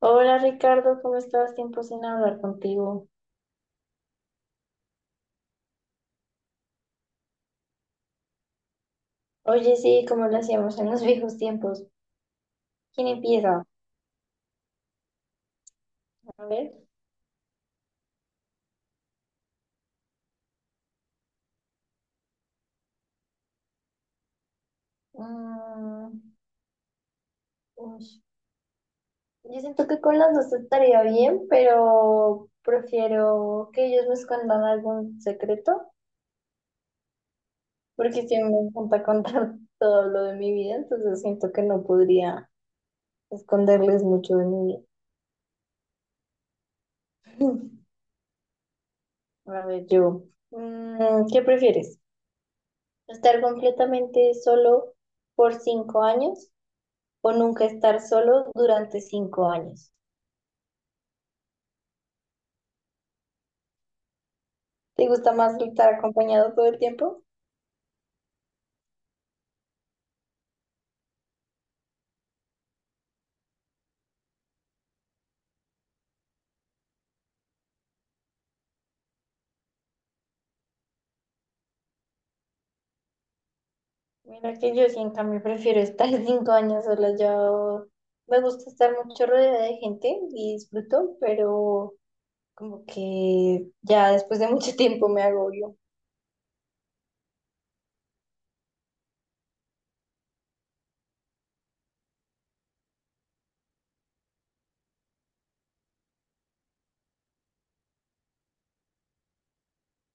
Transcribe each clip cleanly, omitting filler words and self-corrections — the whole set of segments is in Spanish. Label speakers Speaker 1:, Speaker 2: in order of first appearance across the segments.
Speaker 1: Hola Ricardo, ¿cómo estás? Tiempo sin hablar contigo. Oye, sí, como lo hacíamos en los viejos tiempos. ¿Quién empieza? A ver. Mm, uy. Yo siento que con las dos estaría bien, pero prefiero que ellos me escondan algún secreto, porque si me encanta contar todo lo de mi vida, entonces siento que no podría esconderles mucho de mi vida. A ver, ¿qué prefieres? ¿Estar completamente solo por 5 años o nunca estar solo durante 5 años? ¿Te gusta más estar acompañado todo el tiempo? Mira que yo sí, en cambio, prefiero estar 5 años sola. Yo me gusta estar mucho rodeada de gente y disfruto, pero como que ya después de mucho tiempo me agobio.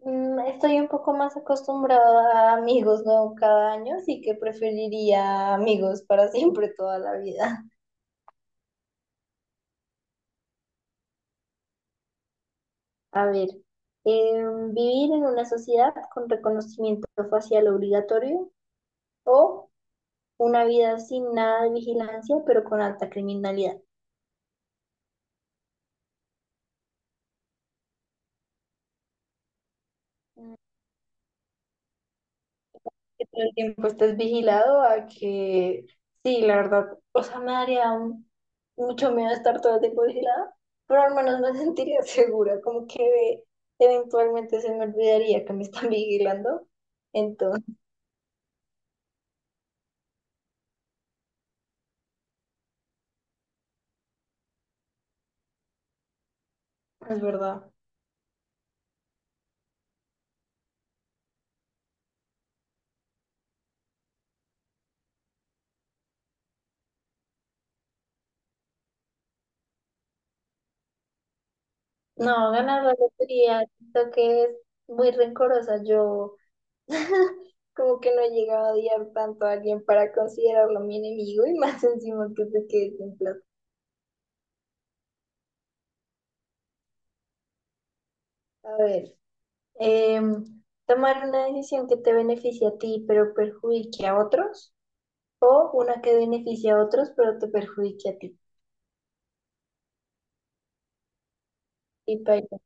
Speaker 1: Estoy un poco más acostumbrada a amigos nuevos cada año, así que preferiría amigos para siempre toda la vida. A ver, vivir en una sociedad con reconocimiento facial obligatorio o una vida sin nada de vigilancia, pero con alta criminalidad. Que todo el tiempo estés vigilado a que, sí, la verdad, o sea, me daría mucho miedo estar todo el tiempo vigilada, pero al menos me sentiría segura, como que eventualmente se me olvidaría que me están vigilando. Entonces, es verdad. No, ganar la lotería, siento que es muy rencorosa. Yo como que no he llegado a odiar tanto a alguien para considerarlo mi enemigo y más encima que te quedes sin plata. A ver, tomar una decisión que te beneficie a ti pero perjudique a otros o una que beneficie a otros pero te perjudique a ti. Y paila.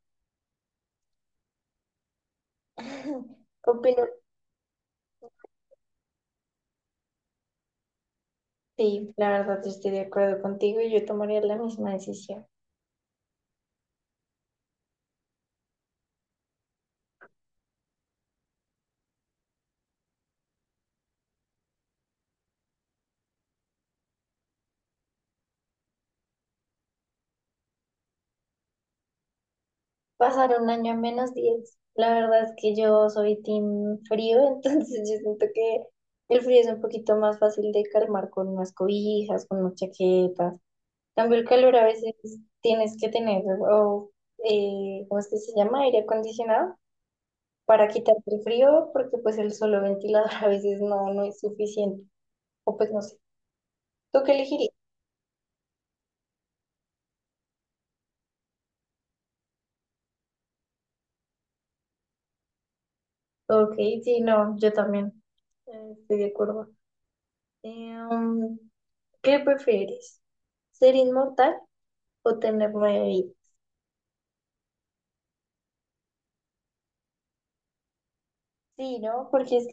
Speaker 1: Opino, sí, la verdad yo estoy de acuerdo contigo y yo tomaría la misma decisión. Pasar un año a -10. La verdad es que yo soy team frío, entonces yo siento que el frío es un poquito más fácil de calmar con unas cobijas, con unas chaquetas. En cambio, el calor a veces tienes que tener, o, ¿cómo es que se llama? Aire acondicionado para quitarte el frío, porque pues el solo ventilador a veces no, no es suficiente. O pues no sé, ¿tú qué elegirías? Ok, sí, no, yo también, estoy de acuerdo. Em, ¿Qué prefieres? ¿Ser inmortal o tener nueve vidas? Sí, ¿no? Porque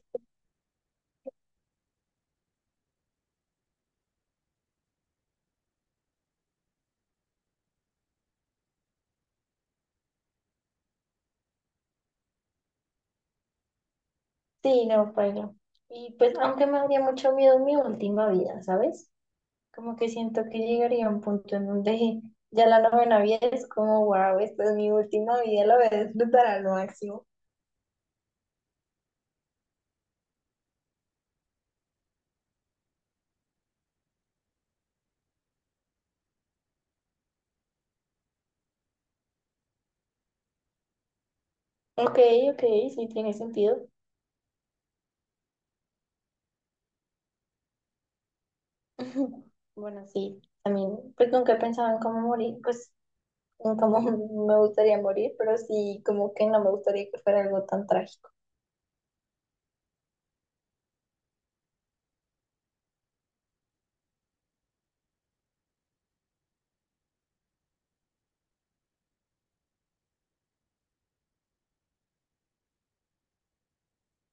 Speaker 1: sí, no, pero. Y pues, aunque me daría mucho miedo mi última vida, ¿sabes? Como que siento que llegaría a un punto en donde ya la novena vida es como, wow, esta es mi última vida, la voy a disfrutar al máximo. Ok, ok, sí tiene sentido. Bueno, sí, también, pues nunca he pensado en cómo morir, pues en cómo me gustaría morir, pero sí, como que no me gustaría que fuera algo tan trágico.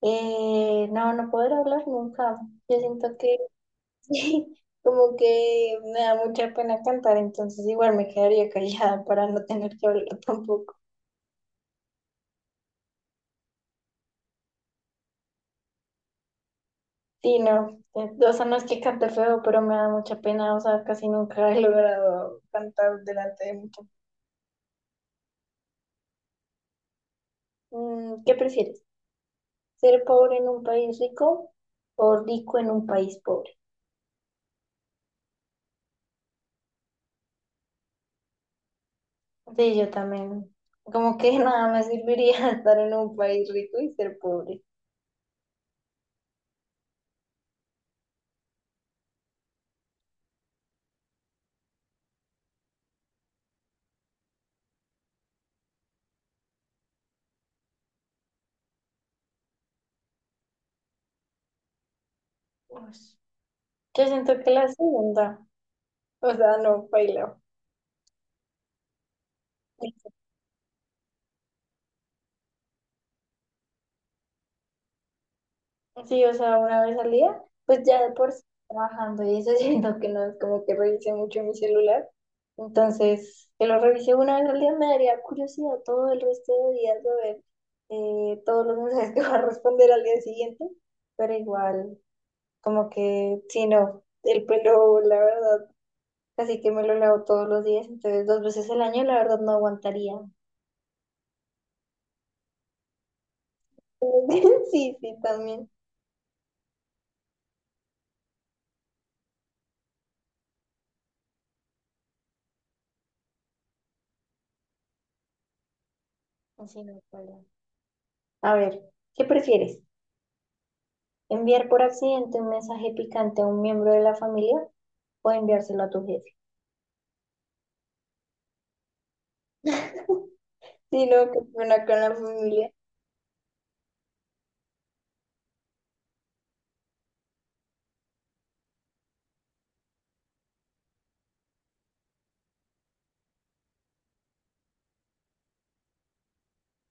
Speaker 1: No, no poder hablar nunca. Yo siento que sí, como que me da mucha pena cantar, entonces igual me quedaría callada para no tener que hablar tampoco. Sí, no, o sea, no es que cante feo, pero me da mucha pena, o sea, casi nunca he logrado cantar delante de mucha. ¿Qué prefieres? ¿Ser pobre en un país rico o rico en un país pobre? Sí, yo también. Como que nada me serviría estar en un país rico y ser pobre. Uy. Yo siento que la segunda, o sea, no bailo. Sí, o sea, una vez al día, pues ya de por sí trabajando y eso siento que no es como que revise mucho mi celular. Entonces, que lo revise una vez al día me daría curiosidad todo el resto de días de ver, todos los mensajes que va a responder al día siguiente, pero igual, como que si no, el pelo, la verdad, así que me lo lavo todos los días, entonces 2 veces al año, la verdad, no aguantaría. Sí, sí, también. Así no, Paula. A ver, ¿qué prefieres? ¿Enviar por accidente un mensaje picante a un miembro de la familia o enviárselo a tu jefe? Sí, lo que pena con la familia.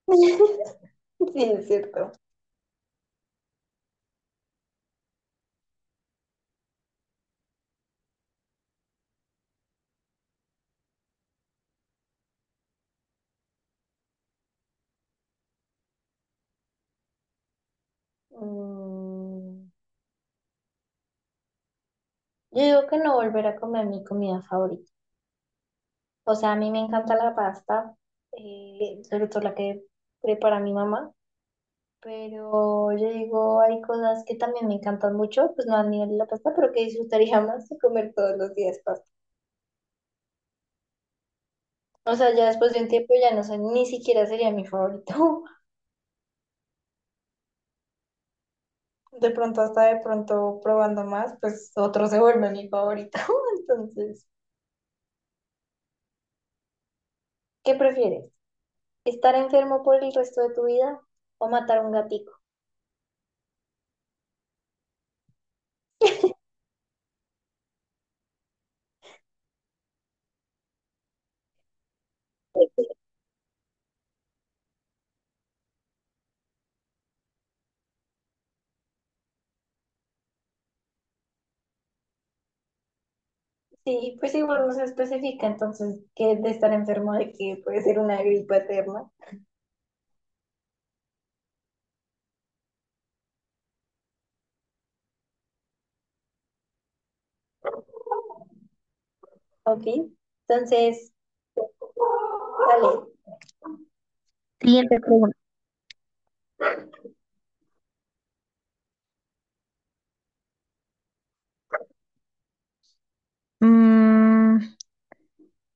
Speaker 1: Sí, es cierto. Mm, yo digo que no volver a comer mi comida favorita. O sea, a mí me encanta la pasta, sobre todo la que prepara mi mamá, pero yo digo, hay cosas que también me encantan mucho, pues no a nivel de la pasta, pero que disfrutaría más de comer todos los días pasta. O sea, ya después de un tiempo ya no sé, ni siquiera sería mi favorito. De pronto, hasta de pronto probando más, pues otro se vuelve mi favorito. Entonces, ¿qué prefieres? ¿Estar enfermo por el resto de tu vida o matar un gatito? Sí, pues igual no se especifica, entonces, que de estar enfermo de que puede ser una gripa eterna. Ok, entonces, dale. Siguiente pregunta. Mm,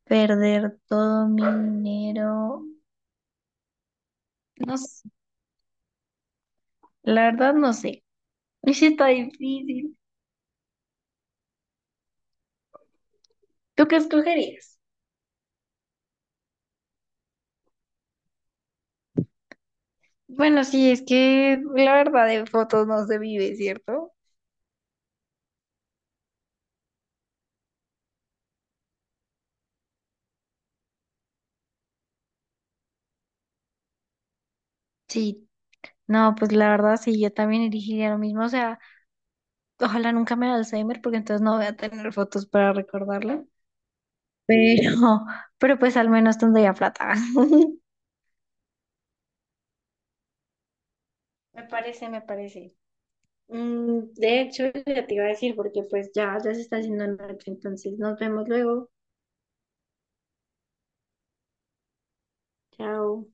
Speaker 1: Perder todo mi dinero. No sé. La verdad no sé. Uy, sí está difícil. ¿Tú qué escogerías? Bueno, sí, es que la verdad de fotos no se vive, ¿cierto? Sí, no, pues la verdad sí, yo también elegiría lo mismo. O sea, ojalá nunca me dé Alzheimer porque entonces no voy a tener fotos para recordarlo. Pero, pero pues al menos tendría plata. Me parece, me parece. De hecho, ya te iba a decir porque pues ya se está haciendo noche, entonces nos vemos luego. Chao.